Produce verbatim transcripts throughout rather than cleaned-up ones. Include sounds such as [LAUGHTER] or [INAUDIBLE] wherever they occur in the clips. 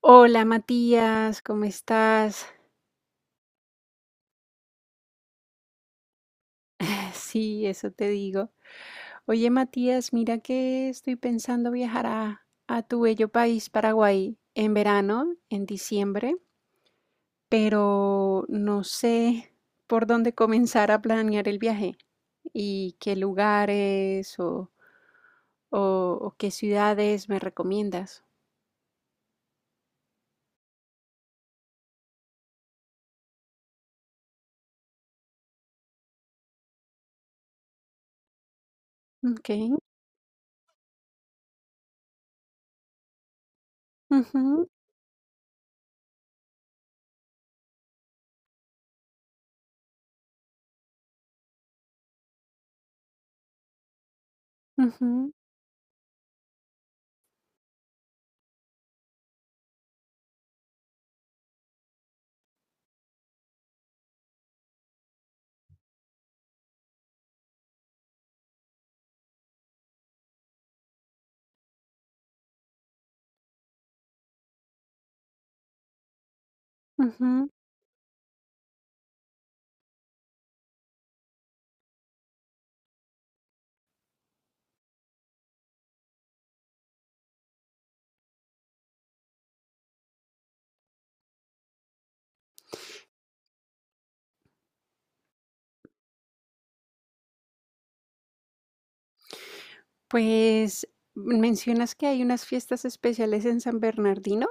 Hola Matías, ¿cómo estás? [SIGHS] [LAUGHS] Sí, eso te digo. Oye Matías, mira que estoy pensando viajar a, a tu bello país, Paraguay, en verano, en diciembre, pero no sé por dónde comenzar a planear el viaje y qué lugares o, o- o qué ciudades me recomiendas. Ok. Ujú, ujú, ujú. Pues, ¿mencionas que hay unas fiestas especiales en San Bernardino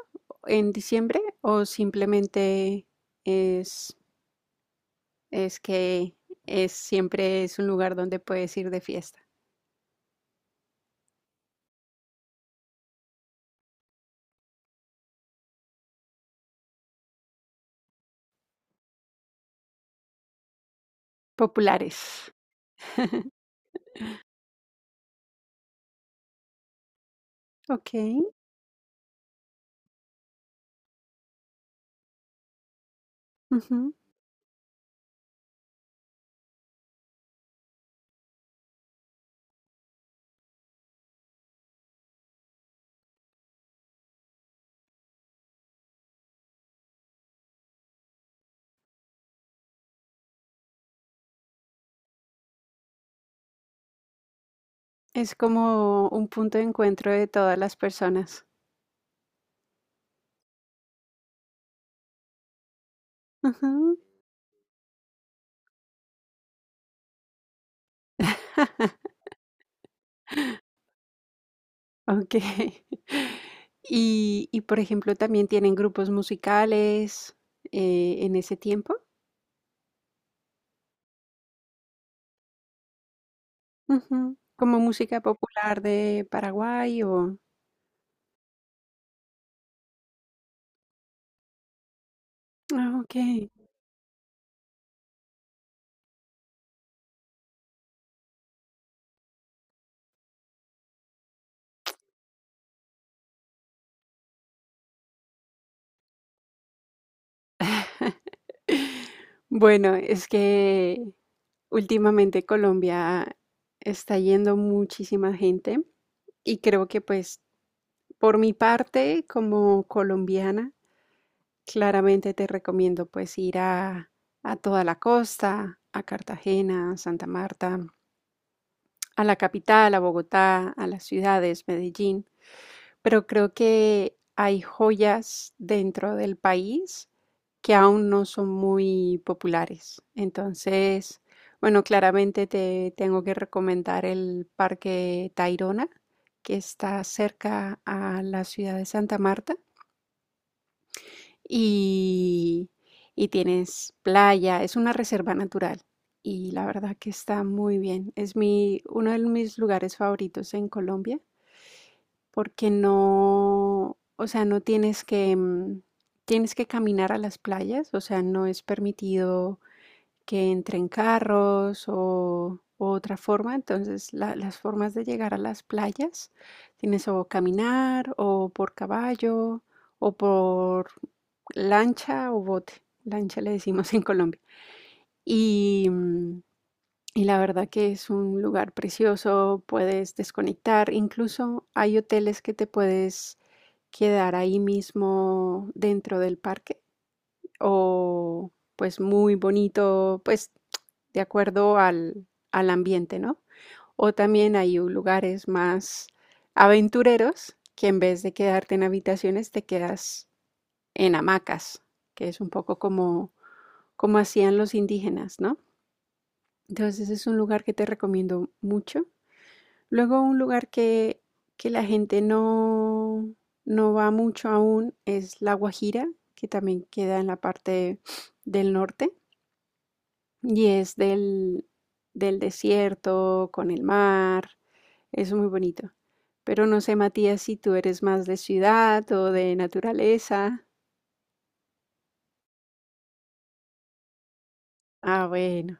en diciembre o simplemente es, es que es, siempre es un lugar donde puedes ir de fiesta? Populares. Ok. Ujú. Es como un punto de encuentro de todas las personas. Ujú. Ok. [LAUGHS] Y, y, por ejemplo, también tienen grupos musicales eh, en ese tiempo. Ujú, ¿como música popular de Paraguay o? Ah, okey. [LAUGHS] Bueno, es que últimamente Colombia está yendo muchísima gente y creo que, pues, por mi parte, como colombiana, claramente te recomiendo, pues, ir a a toda la costa, a Cartagena, Santa Marta, a la capital, a Bogotá, a las ciudades, Medellín. Pero creo que hay joyas dentro del país que aún no son muy populares. Entonces, bueno, claramente te tengo que recomendar el Parque Tayrona, que está cerca a la ciudad de Santa Marta y, y tienes playa, es una reserva natural y la verdad que está muy bien. Es mi, uno de mis lugares favoritos en Colombia porque no, o sea, no tienes que, mm, tienes que caminar a las playas, o sea, no es permitido que entren carros o, o otra forma, entonces la- las formas de llegar a las playas tienes o caminar o por caballo o por lancha o bote, lancha le decimos [LAUGHS] en Colombia. Y, mm, y la verdad que es un lugar precioso, puedes desconectar, incluso hay hoteles que te puedes quedar ahí mismo dentro del parque o pues muy bonito, pues de acuerdo al, al ambiente, ¿no? O también hay lugares más aventureros que en vez de quedarte en habitaciones te quedas en hamacas, que es un poco como, como hacían los indígenas, ¿no? Entonces es un lugar que te recomiendo mucho. Luego un lugar que, que la gente no, no va mucho aún es La Guajira, que también queda en la parte del norte y es del, del desierto, con el mar, es muy bonito. Pero no sé, Matías, si tú eres más de ciudad o de naturaleza. Ah, bueno,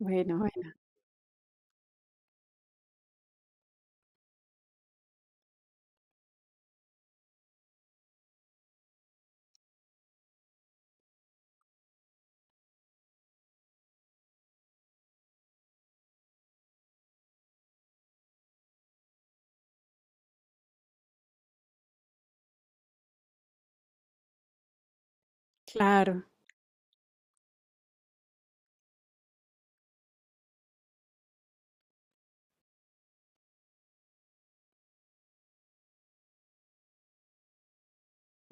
bueno, bueno, claro.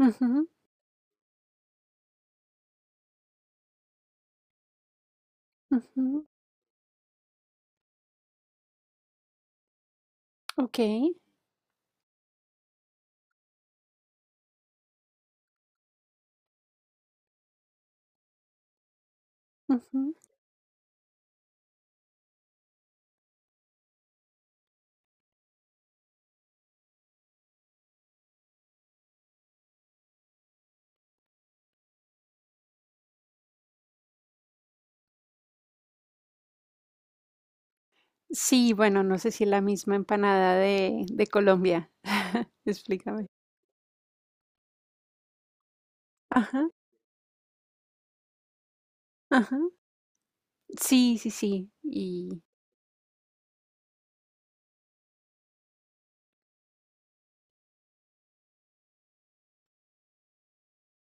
Ujú, ujú. Ok. Ujú. Sí, bueno, no sé si la misma empanada de, de Colombia. Explícame. Ajá, ajá. Sí, sí, sí. Y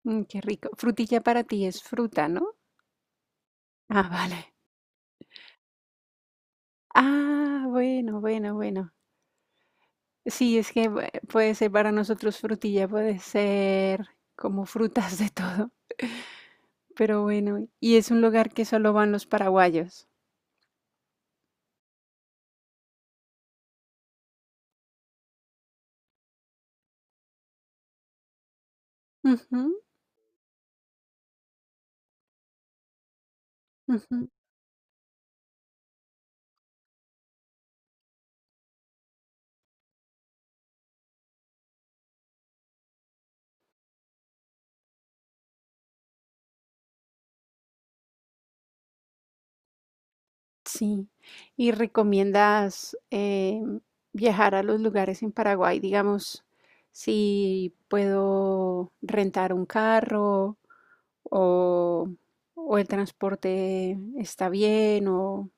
mm, qué rico. Frutilla para ti es fruta, ¿no? Ah, vale. Ah, bueno, bueno, bueno. Sí, es que bue- puede ser para nosotros frutilla, puede ser como frutas de todo. Pero bueno, y es un lugar que solo van los paraguayos. Ujú, ujú. Sí. ¿Y recomiendas em, viajar a los lugares en Paraguay? Digamos, si puedo rentar un carro o, o el transporte está bien o,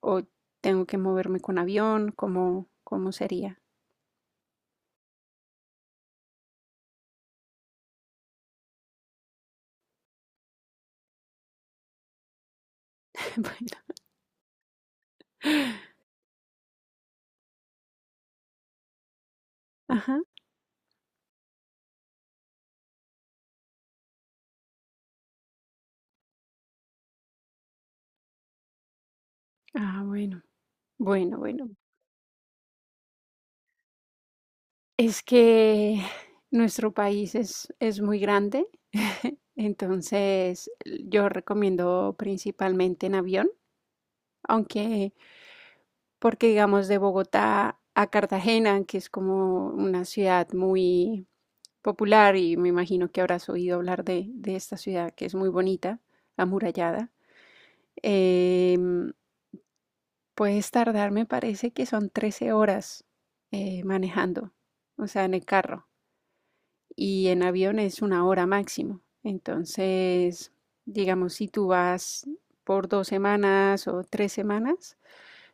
o tengo que moverme con avión, ¿cómo, cómo sería? [LAUGHS] Bueno, ajá. Ah, bueno, bueno, bueno. Es que nuestro país es, es muy grande, entonces yo recomiendo principalmente en avión. Aunque, porque digamos de Bogotá a Cartagena, que es como una ciudad muy popular y me imagino que habrás oído hablar de, de esta ciudad que es muy bonita, amurallada, em, puedes tardar, me parece que son trece horas eh, manejando, o sea, en el carro y en avión es una hora máximo. Entonces, digamos, si tú vas por dos semanas o tres semanas,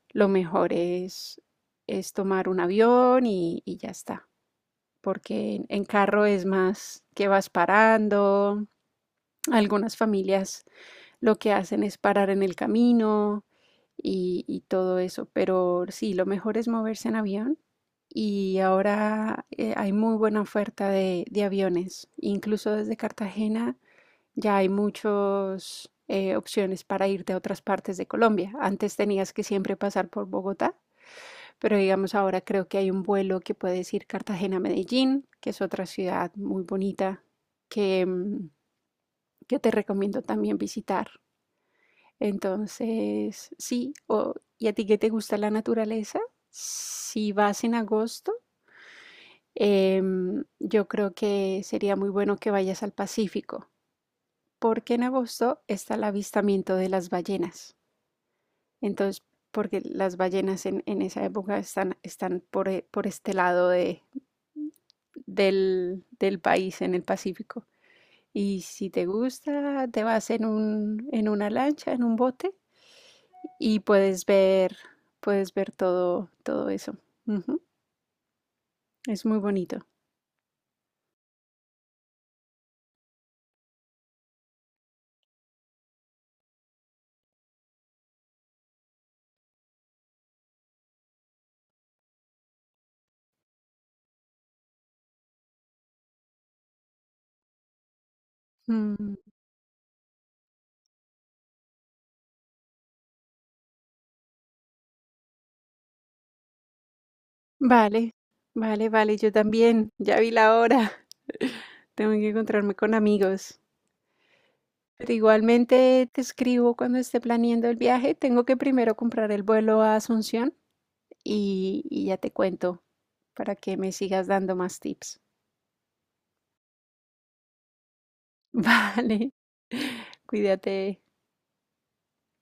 lo mejor es, es tomar un avión y, y ya está, porque en, carro es más que vas parando. Algunas familias lo que hacen es parar en el camino y, y todo eso, pero sí, lo mejor es moverse en avión y ahora eh, hay muy buena oferta de, de aviones. Incluso desde Cartagena ya hay muchas eh, opciones para irte a otras partes de Colombia. Antes tenías que siempre pasar por Bogotá pero digamos, ahora creo que hay un vuelo que puede ir Cartagena-Medellín, que es otra ciudad muy bonita que, mm, que te recomiendo también visitar. Entonces, sí, o- ¿y a ti que te gusta la naturaleza? Si vas en agosto, em, yo creo que sería muy bueno que vayas al Pacífico, porque en agosto está el avistamiento de las ballenas. Entonces, porque las ballenas en, en esa época están, están por, e- por este lado de, del, del país en el Pacífico. Y si te gusta, te vas en un, en una lancha, en un bote y puedes ver, puedes ver todo, todo eso. Ujú. Es muy bonito. Mm. Vale, vale, vale, yo también, ya vi la hora. [LAUGHS] Tengo que encontrarme con amigos. Pero igualmente te escribo cuando esté planeando el viaje. Tengo que primero comprar el vuelo a Asunción y, y ya te cuento para que me sigas dando más tips. [LAUGHS] Vale, cuídate.